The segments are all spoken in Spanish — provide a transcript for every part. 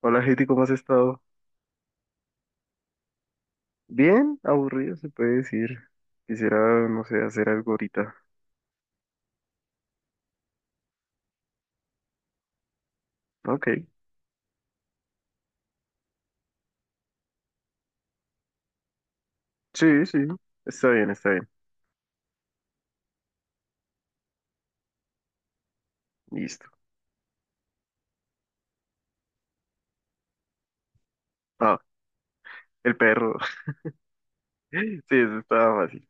Hola, Heidi, ¿cómo has estado? Bien, aburrido se puede decir. Quisiera, no sé, hacer algo ahorita. Ok. Sí, sí. Está bien, está bien. Listo. Ah, el perro. Sí, eso estaba fácil.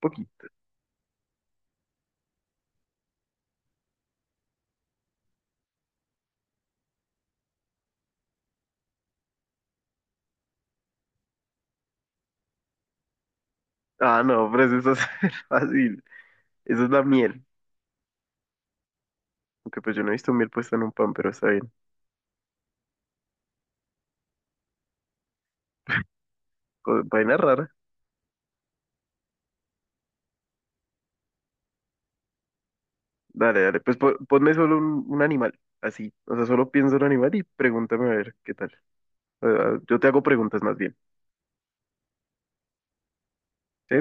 Poquito. Ah, no, pero eso está fácil. Eso es la miel. Aunque pues yo no he visto miel puesta en un pan, pero está bien. Vaina rara. Dale, dale. Pues ponme solo un animal. Así. O sea, solo pienso en un animal y pregúntame a ver qué tal. Ah, ah, yo te hago preguntas más bien. ¿Sí?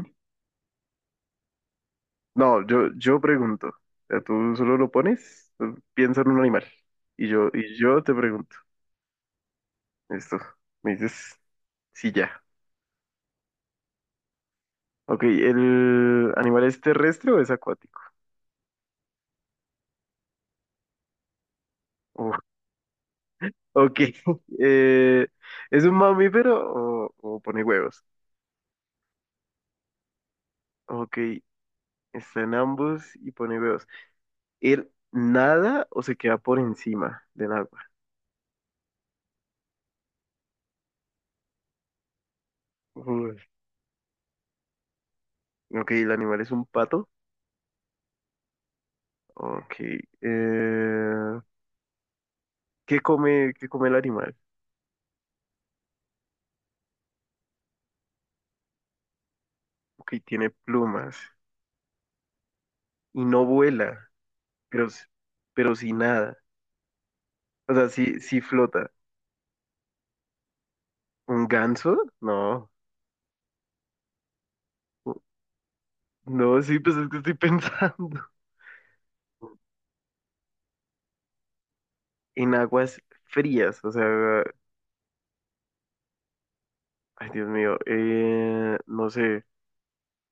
No, yo pregunto. O sea, tú solo lo pones, tú piensa en un animal. Y yo te pregunto. Listo. Me dices, sí, ya. Ok, ¿el animal es terrestre o es acuático? Uf, ok. Eh, ¿es un mamífero o pone huevos? Ok, está en ambos y pone huevos. ¿Él nada o se queda por encima del agua? Uy, ok, ¿el animal es un pato? Ok. eh, qué come el animal? Ok, tiene plumas y no vuela, pero, s- pero sí nada. O sea, sí, sí flota. ¿Un ganso? No. u- No, sí, pues es que estoy pensando. En aguas frías, o sea, ay Dios mío, no sé,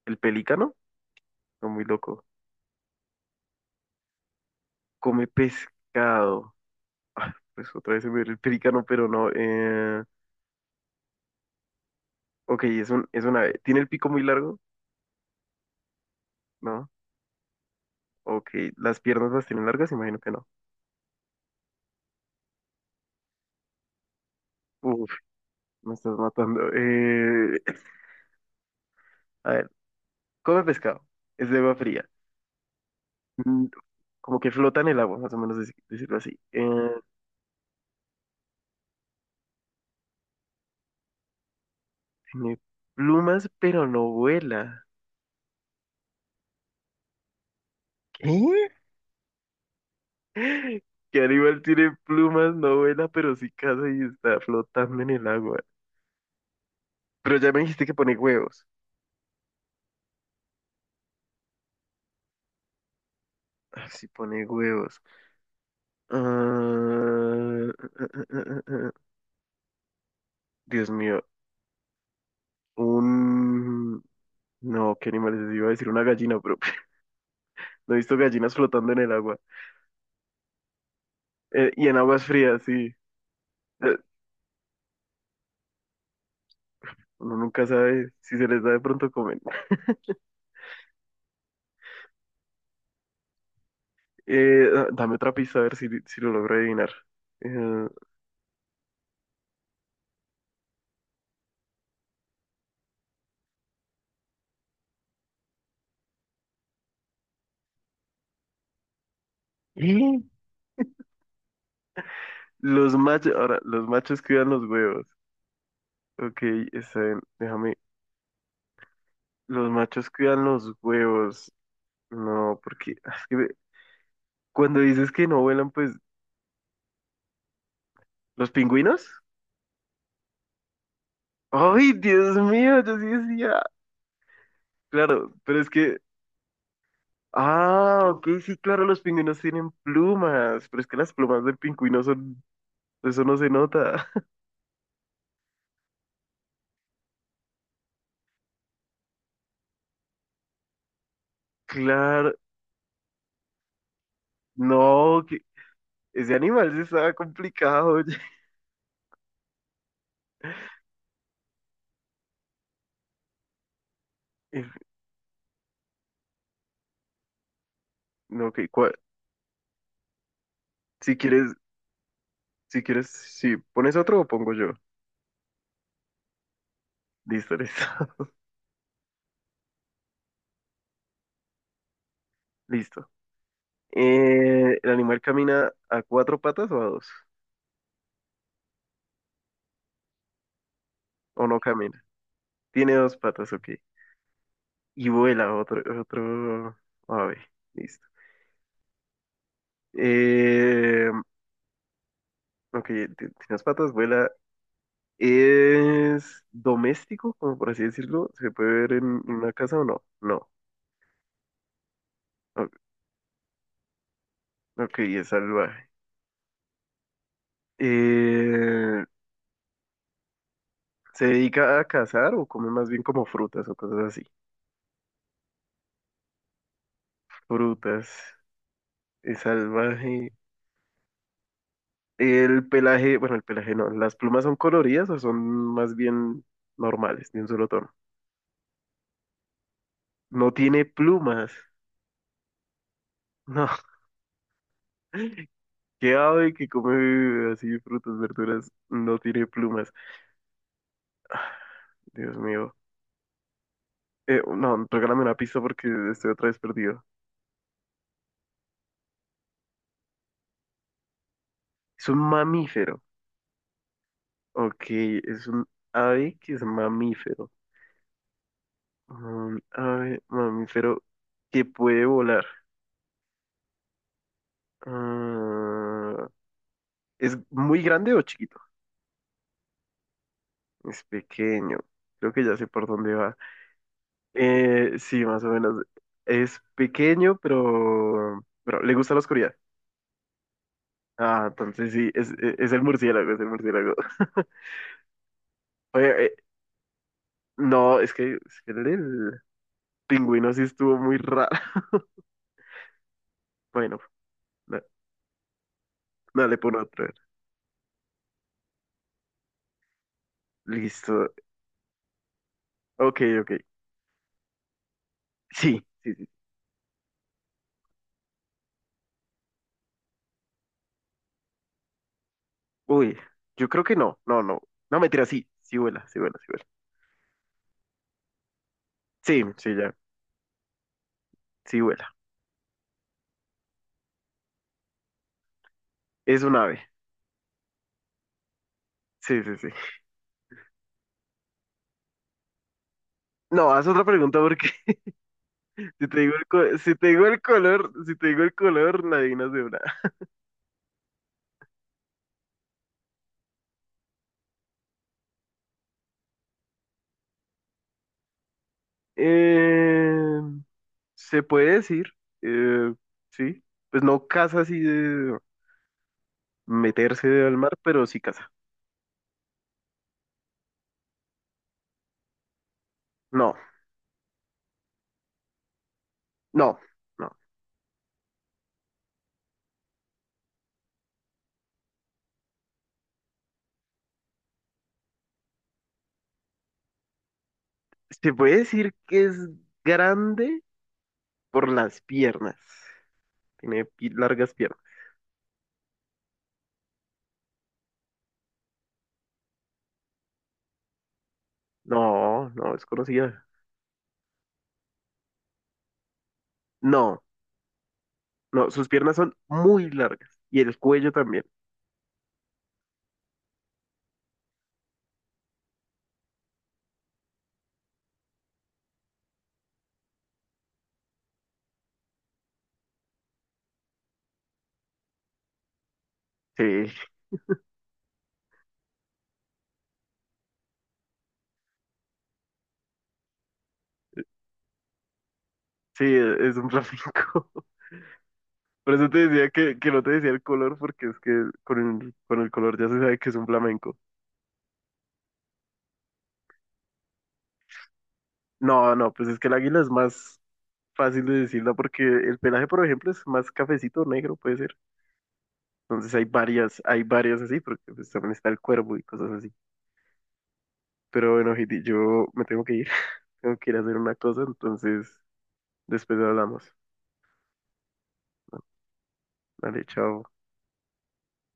el pelícano, está muy loco. Come pescado. Ah, pues otra vez se me dio el pelícano, pero no. Ok, es es una ave. ¿Tiene el pico muy largo? No. Ok, las piernas las tienen largas, imagino que no. Me estás matando. A ver, come pescado. Es de agua fría. Mm, como que flota en el agua, más o menos decirlo así. Tiene plumas, pero no vuela. ¿Qué? ¿Qué animal tiene plumas, no vuela, pero sí caza y está flotando en el agua? Pero ya me dijiste que pone huevos. Ah, sí pone huevos. Ah, Dios mío. Un... No, ¿qué animales es? Iba a decir una gallina, pero no he visto gallinas flotando en el agua. Y en aguas frías, sí. Eh, uno nunca sabe si se les da de pronto comer. Dame otra pista a ver si lo logro adivinar. Eh, ¿Eh? Los machos, ahora, los machos cuidan los huevos. Ok, está bien, déjame. Los machos cuidan los huevos. No, porque es que cuando dices que no vuelan, pues, ¿los pingüinos? ¡Ay, Dios mío! Yo sí decía. Claro, pero es que. Ah, ok, sí, claro, los pingüinos tienen plumas, pero es que las plumas del pingüino son. Eso no se nota. Claro, no, que ese animal sí estaba complicado, oye. Eh, no, que si quieres, si quieres, si pones otro o pongo yo. Listo, listo. Listo. ¿El animal camina a cuatro patas o a dos? ¿O no camina? Tiene dos patas, ok. Y vuela otro ave. Listo. Eh, ok, tiene dos patas, vuela. ¿Es doméstico, como por así decirlo? ¿Se puede ver en una casa o no? No. O- Ok, es salvaje. Eh, ¿Se dedica a cazar o come más bien como frutas o cosas así? Frutas, es salvaje. El pelaje, bueno, el pelaje no, ¿las plumas son coloridas o son más bien normales, de un solo tono? No tiene plumas. No, qué ave que come así frutas, verduras, no tiene plumas. Dios mío. No, regálame una pista porque estoy otra vez perdido. Es un mamífero. Ok, es un ave que es mamífero. Un ave mamífero que puede volar. Ah, ¿es muy grande o chiquito? Es pequeño. Creo que ya sé por dónde va. Sí, más o menos. Es pequeño, pero le gusta la oscuridad. Ah, entonces sí, es el murciélago, es el murciélago. Oye, no, es que el del pingüino sí estuvo muy raro. Bueno, da- dale por otro. Listo. Ok, ok. Sí, sí, sí. Uy, yo creo que no, no, no. No, mentira, sí, sí vuela, sí vuela, sí vuela. Sí, sí, ya, sí vuela. Es un ave. Sí, sí, sí. No, haz otra pregunta porque si te digo si te digo el color, si te digo el color, la adivinas de una. Eh, se puede decir, eh, sí, pues no caza así de meterse al mar, pero sí caza. No, no, no. Se puede decir que es grande por las piernas. Tiene largas piernas. No, no, es conocida. No, no, sus piernas son muy largas. Y el cuello también. Sí, sí, es un flamenco. Por eso te decía que no te decía el color, porque es que con el color ya se sabe que es un flamenco. No, no, pues es que el águila es más fácil de decirla porque el pelaje, por ejemplo, es más cafecito negro, puede ser. Entonces hay varias así, porque pues también está el cuervo y cosas así. Pero bueno, Heidi, yo me tengo que ir, tengo que ir a hacer una cosa, entonces después hablamos. Dale, chao.